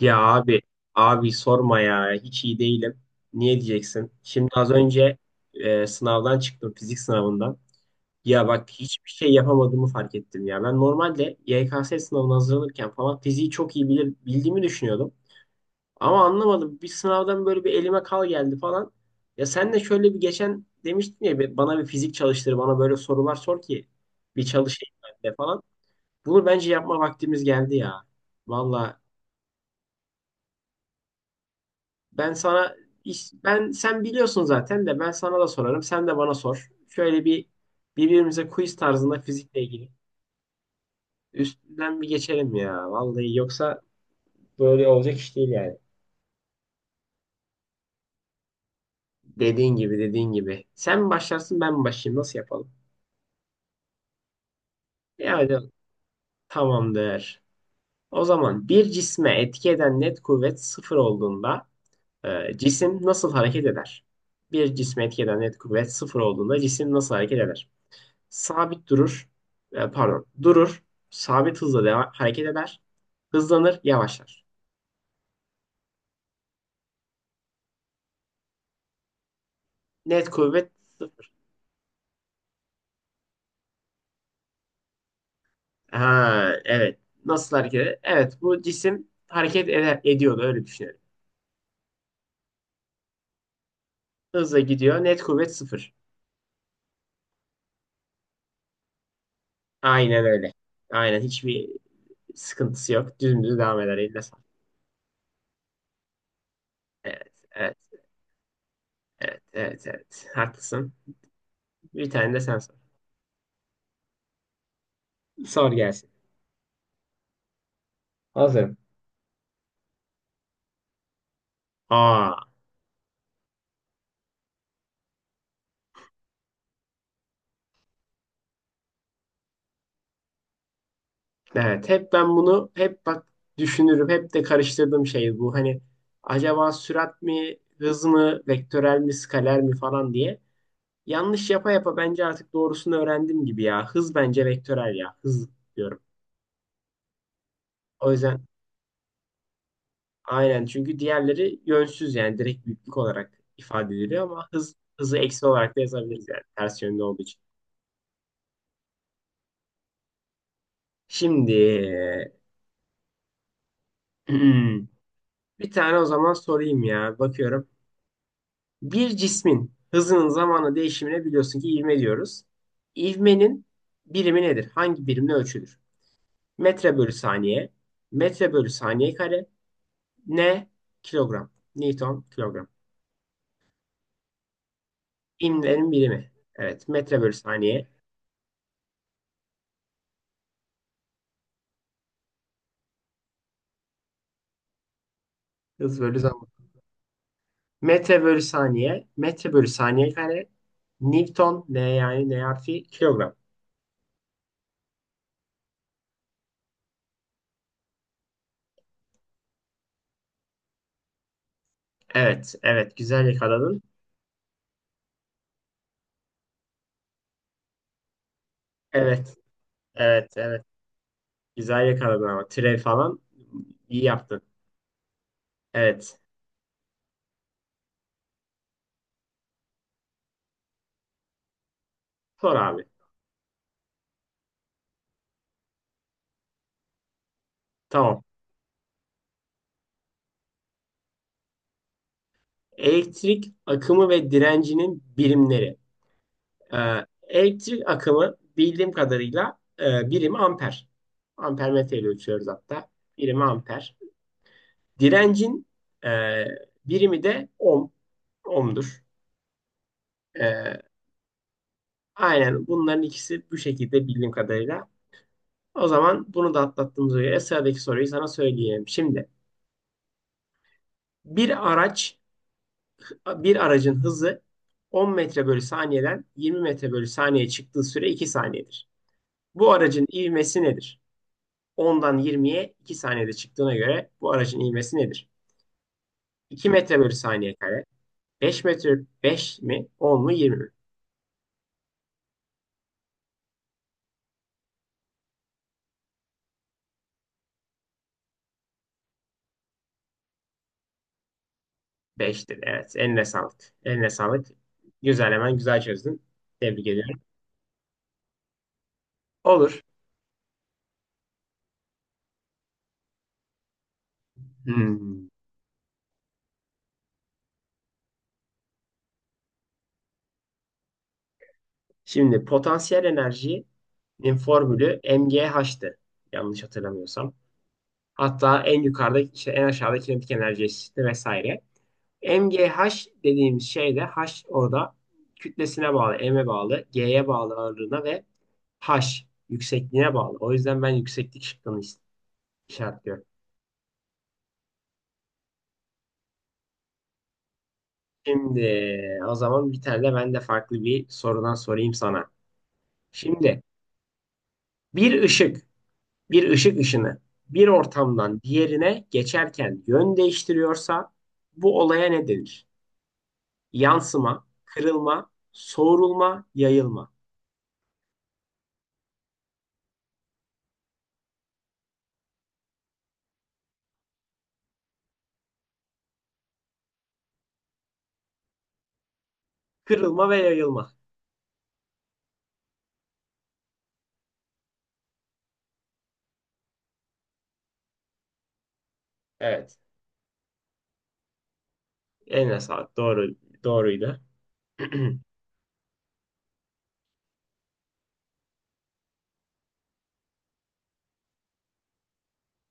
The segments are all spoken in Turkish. Ya abi, abi sorma ya. Hiç iyi değilim. Niye diyeceksin? Şimdi az önce sınavdan çıktım, fizik sınavından. Ya bak hiçbir şey yapamadığımı fark ettim ya. Ben normalde YKS sınavına hazırlanırken falan fiziği çok iyi bilir, bildiğimi düşünüyordum. Ama anlamadım. Bir sınavdan böyle bir elime kal geldi falan. Ya sen de şöyle bir geçen demiştin ya, Bana bir fizik çalıştır, bana böyle sorular sor ki bir çalışayım ben de falan." Bunu bence yapma vaktimiz geldi ya. Vallahi Ben sana ben sen biliyorsun zaten de ben sana da sorarım. Sen de bana sor. Şöyle bir birbirimize quiz tarzında fizikle ilgili üstünden bir geçelim ya. Vallahi yoksa böyle olacak iş değil yani. Dediğin gibi dediğin gibi. Sen mi başlarsın ben mi başlayayım? Nasıl yapalım? Yani tamamdır. O zaman bir cisme etki eden net kuvvet sıfır olduğunda cisim nasıl hareket eder? Bir cisme etki eden net kuvvet sıfır olduğunda cisim nasıl hareket eder? Sabit durur. E, pardon. Durur. Hareket eder. Hızlanır. Yavaşlar. Net kuvvet sıfır. Ha, evet. Nasıl hareket eder? Evet. Bu cisim hareket eder, ediyordu. Öyle düşünelim. Hızla gidiyor. Net kuvvet sıfır. Aynen öyle. Aynen. Hiçbir sıkıntısı yok. Dümdüz devam eder. Eline sağlık. Evet. Evet. Evet. Evet. Evet. Haklısın. Bir tane de sen sor. Sor gelsin. Hazırım. Aa. Evet, hep ben bunu hep bak düşünürüm. Hep de karıştırdığım şey bu. Hani acaba sürat mi, hız mı, vektörel mi, skaler mi falan diye. Yanlış yapa yapa bence artık doğrusunu öğrendim gibi ya. Hız bence vektörel ya. Hız diyorum. O yüzden aynen çünkü diğerleri yönsüz yani direkt büyüklük olarak ifade ediliyor ama hız hızı eksi olarak da yazabiliriz yani ters yönde olduğu için. Şimdi bir tane o zaman sorayım ya. Bakıyorum. Bir cismin hızının zamanla değişimine biliyorsun ki ivme diyoruz. İvmenin birimi nedir? Hangi birimle ölçülür? Metre bölü saniye, metre bölü saniye kare, ne? Kilogram. Newton kilogram. İvmenin birimi. Evet, metre bölü saniye, hız bölü zaman. Metre bölü saniye, metre bölü saniye kare, Newton, ne yani ne artı kilogram. Evet, evet, güzel yakaladın. Evet, evet, evet. Güzel yakaladın ama. Türev falan iyi yaptın. Evet. Sor abi. Tamam. Elektrik akımı ve direncinin birimleri. Elektrik akımı bildiğim kadarıyla birim amper. Ampermetre ile ölçüyoruz hatta. Birimi amper. Direncin e, birimi de ohm. Ohm'dur. Ee, aynen bunların ikisi bu şekilde bildiğim kadarıyla. O zaman bunu da atlattığımıza göre sıradaki soruyu sana söyleyeyim. Şimdi bir araç bir aracın hızı 10 metre bölü saniyeden 20 metre bölü saniye çıktığı süre 2 saniyedir. Bu aracın ivmesi nedir? 10'dan 20'ye 2 saniyede çıktığına göre bu aracın ivmesi nedir? 2 metre bölü saniye kare. 5 metre, 5 mi, 10 mu, 20 mi? 5'tir evet. Eline sağlık. Eline sağlık. Güzel hemen güzel çözdün. Tebrik ediyorum. Olur. Hmm. Şimdi potansiyel enerjinin formülü MGH'tı. Yanlış hatırlamıyorsam. Hatta en yukarıda işte en aşağıda kinetik enerji eşitliği vesaire. MGH dediğimiz şey de H orada kütlesine bağlı, M'e bağlı, G'ye bağlı ağırlığına ve H yüksekliğine bağlı. O yüzden ben yükseklik şıkkını işaretliyorum. Şimdi o zaman bir tane de ben de farklı bir sorudan sorayım sana. Şimdi bir ışık, bir ışık ışını bir ortamdan diğerine geçerken yön değiştiriyorsa bu olaya ne denir? Yansıma, kırılma, soğurulma, yayılma. Kırılma ve yayılma. Evet. Eline sağlık. Doğru, doğruydu.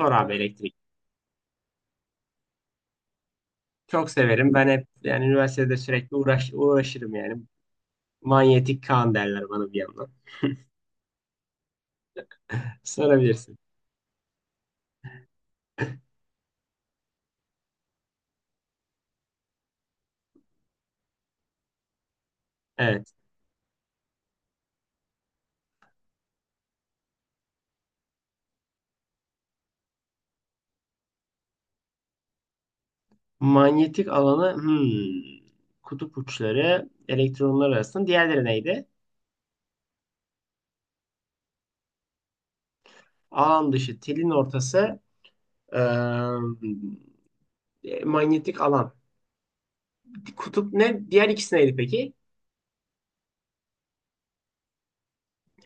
Sor abi elektrik. Çok severim. Ben hep yani üniversitede sürekli uğraş, uğraşırım yani. Manyetik kan derler bana bir yandan. Sorabilirsin. Evet. Manyetik alanı kutup uçları elektronlar arasında. Diğerleri neydi? Alan dışı, telin ortası, eee, manyetik alan. Kutup ne? Diğer ikisi neydi peki?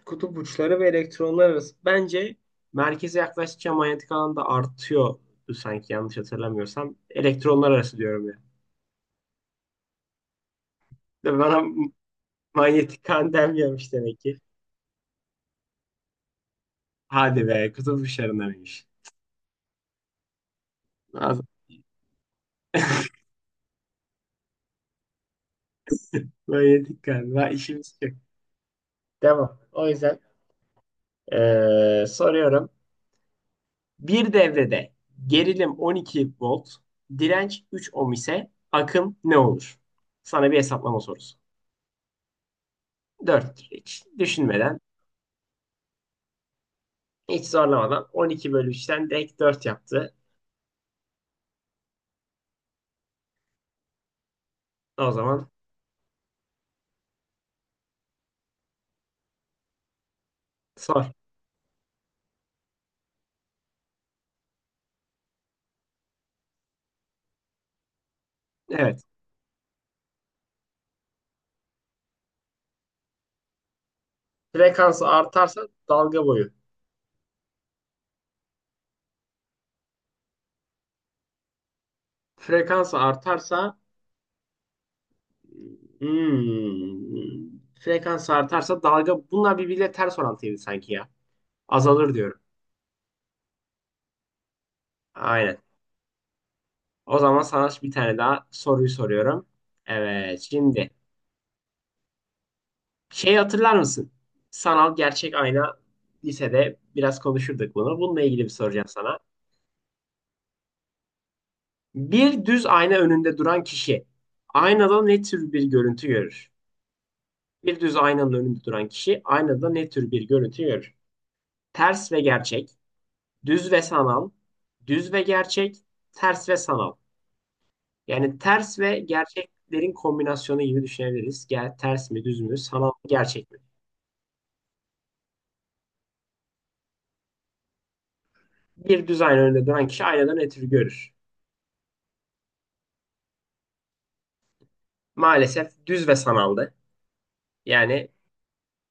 Kutup uçları ve elektronlar arası. Bence merkeze yaklaştıkça manyetik alan da artıyor sanki yanlış hatırlamıyorsam. Elektronlar arası diyorum ya. De bana manyetik kan denmiyormuş demek ki. Hadi be kutup uçlarındanmış. Lazım. Manyetik kan. Daha işimiz yok. Devam. O yüzden soruyorum. Bir devrede gerilim 12 volt, direnç 3 ohm ise akım ne olur? Sana bir hesaplama sorusu. 4. Hiç düşünmeden. Hiç zorlamadan 12 bölü 3'ten direkt 4 yaptı. O zaman sor. Evet. Frekansı artarsa dalga boyu. Frekansı artarsa, frekansı artarsa dalga, bunlar birbiriyle ters orantıydı sanki ya. Azalır diyorum. Aynen. O zaman sana bir tane daha soruyu soruyorum. Evet şimdi şey hatırlar mısın? Sanal gerçek ayna lisede biraz konuşurduk bunu. Bununla ilgili bir soracağım sana. Bir düz ayna önünde duran kişi aynada ne tür bir görüntü görür? Bir düz aynanın önünde duran kişi aynada ne tür bir görüntü görür? Ters ve gerçek, düz ve sanal, düz ve gerçek, ters ve sanal. Yani ters ve gerçeklerin kombinasyonu gibi düşünebiliriz. Gel, ters mi, düz mü, sanal mı, gerçek mi? Bir düz ayna önünde duran kişi aynada ne tür görür? Maalesef düz ve sanaldı. Yani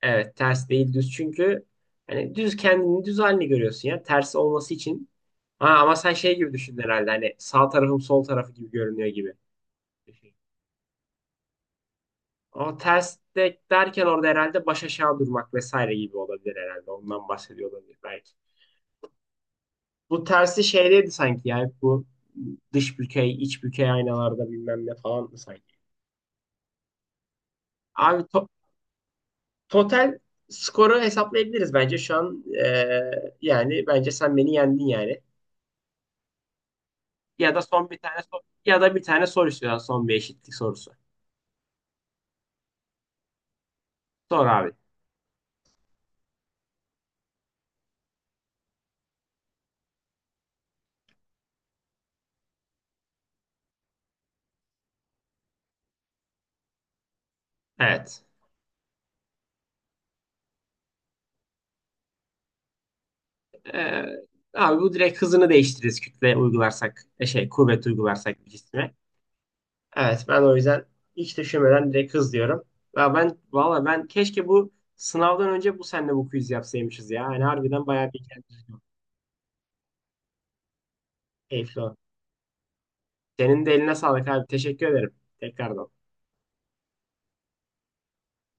evet, ters değil düz çünkü hani düz kendini, düz halini görüyorsun ya ters olması için. Ha, ama sen şey gibi düşün herhalde, hani sağ tarafım sol tarafı gibi görünüyor gibi. O ters de derken orada herhalde baş aşağı durmak vesaire gibi olabilir herhalde. Ondan bahsediyor olabilir belki. Bu tersi şeydeydi sanki yani bu dış bükey, iç bükey aynalarda bilmem ne falan mı sanki? Abi total skoru hesaplayabiliriz bence şu an. Yani bence sen beni yendin yani. Ya da son bir tane ya da bir tane soru istiyorlar. Son bir eşitlik sorusu. Sor abi. Evet. Ee, Abi bu direkt hızını değiştiririz kütle uygularsak. Şey kuvvet uygularsak bir cisme. Evet ben o yüzden hiç düşünmeden direkt hız diyorum. Ya ben valla, ben keşke bu sınavdan önce bu senle bu quiz yapsaymışız ya. Yani harbiden bayağı bir keyifli o. Senin de eline sağlık abi. Teşekkür ederim. Tekrardan.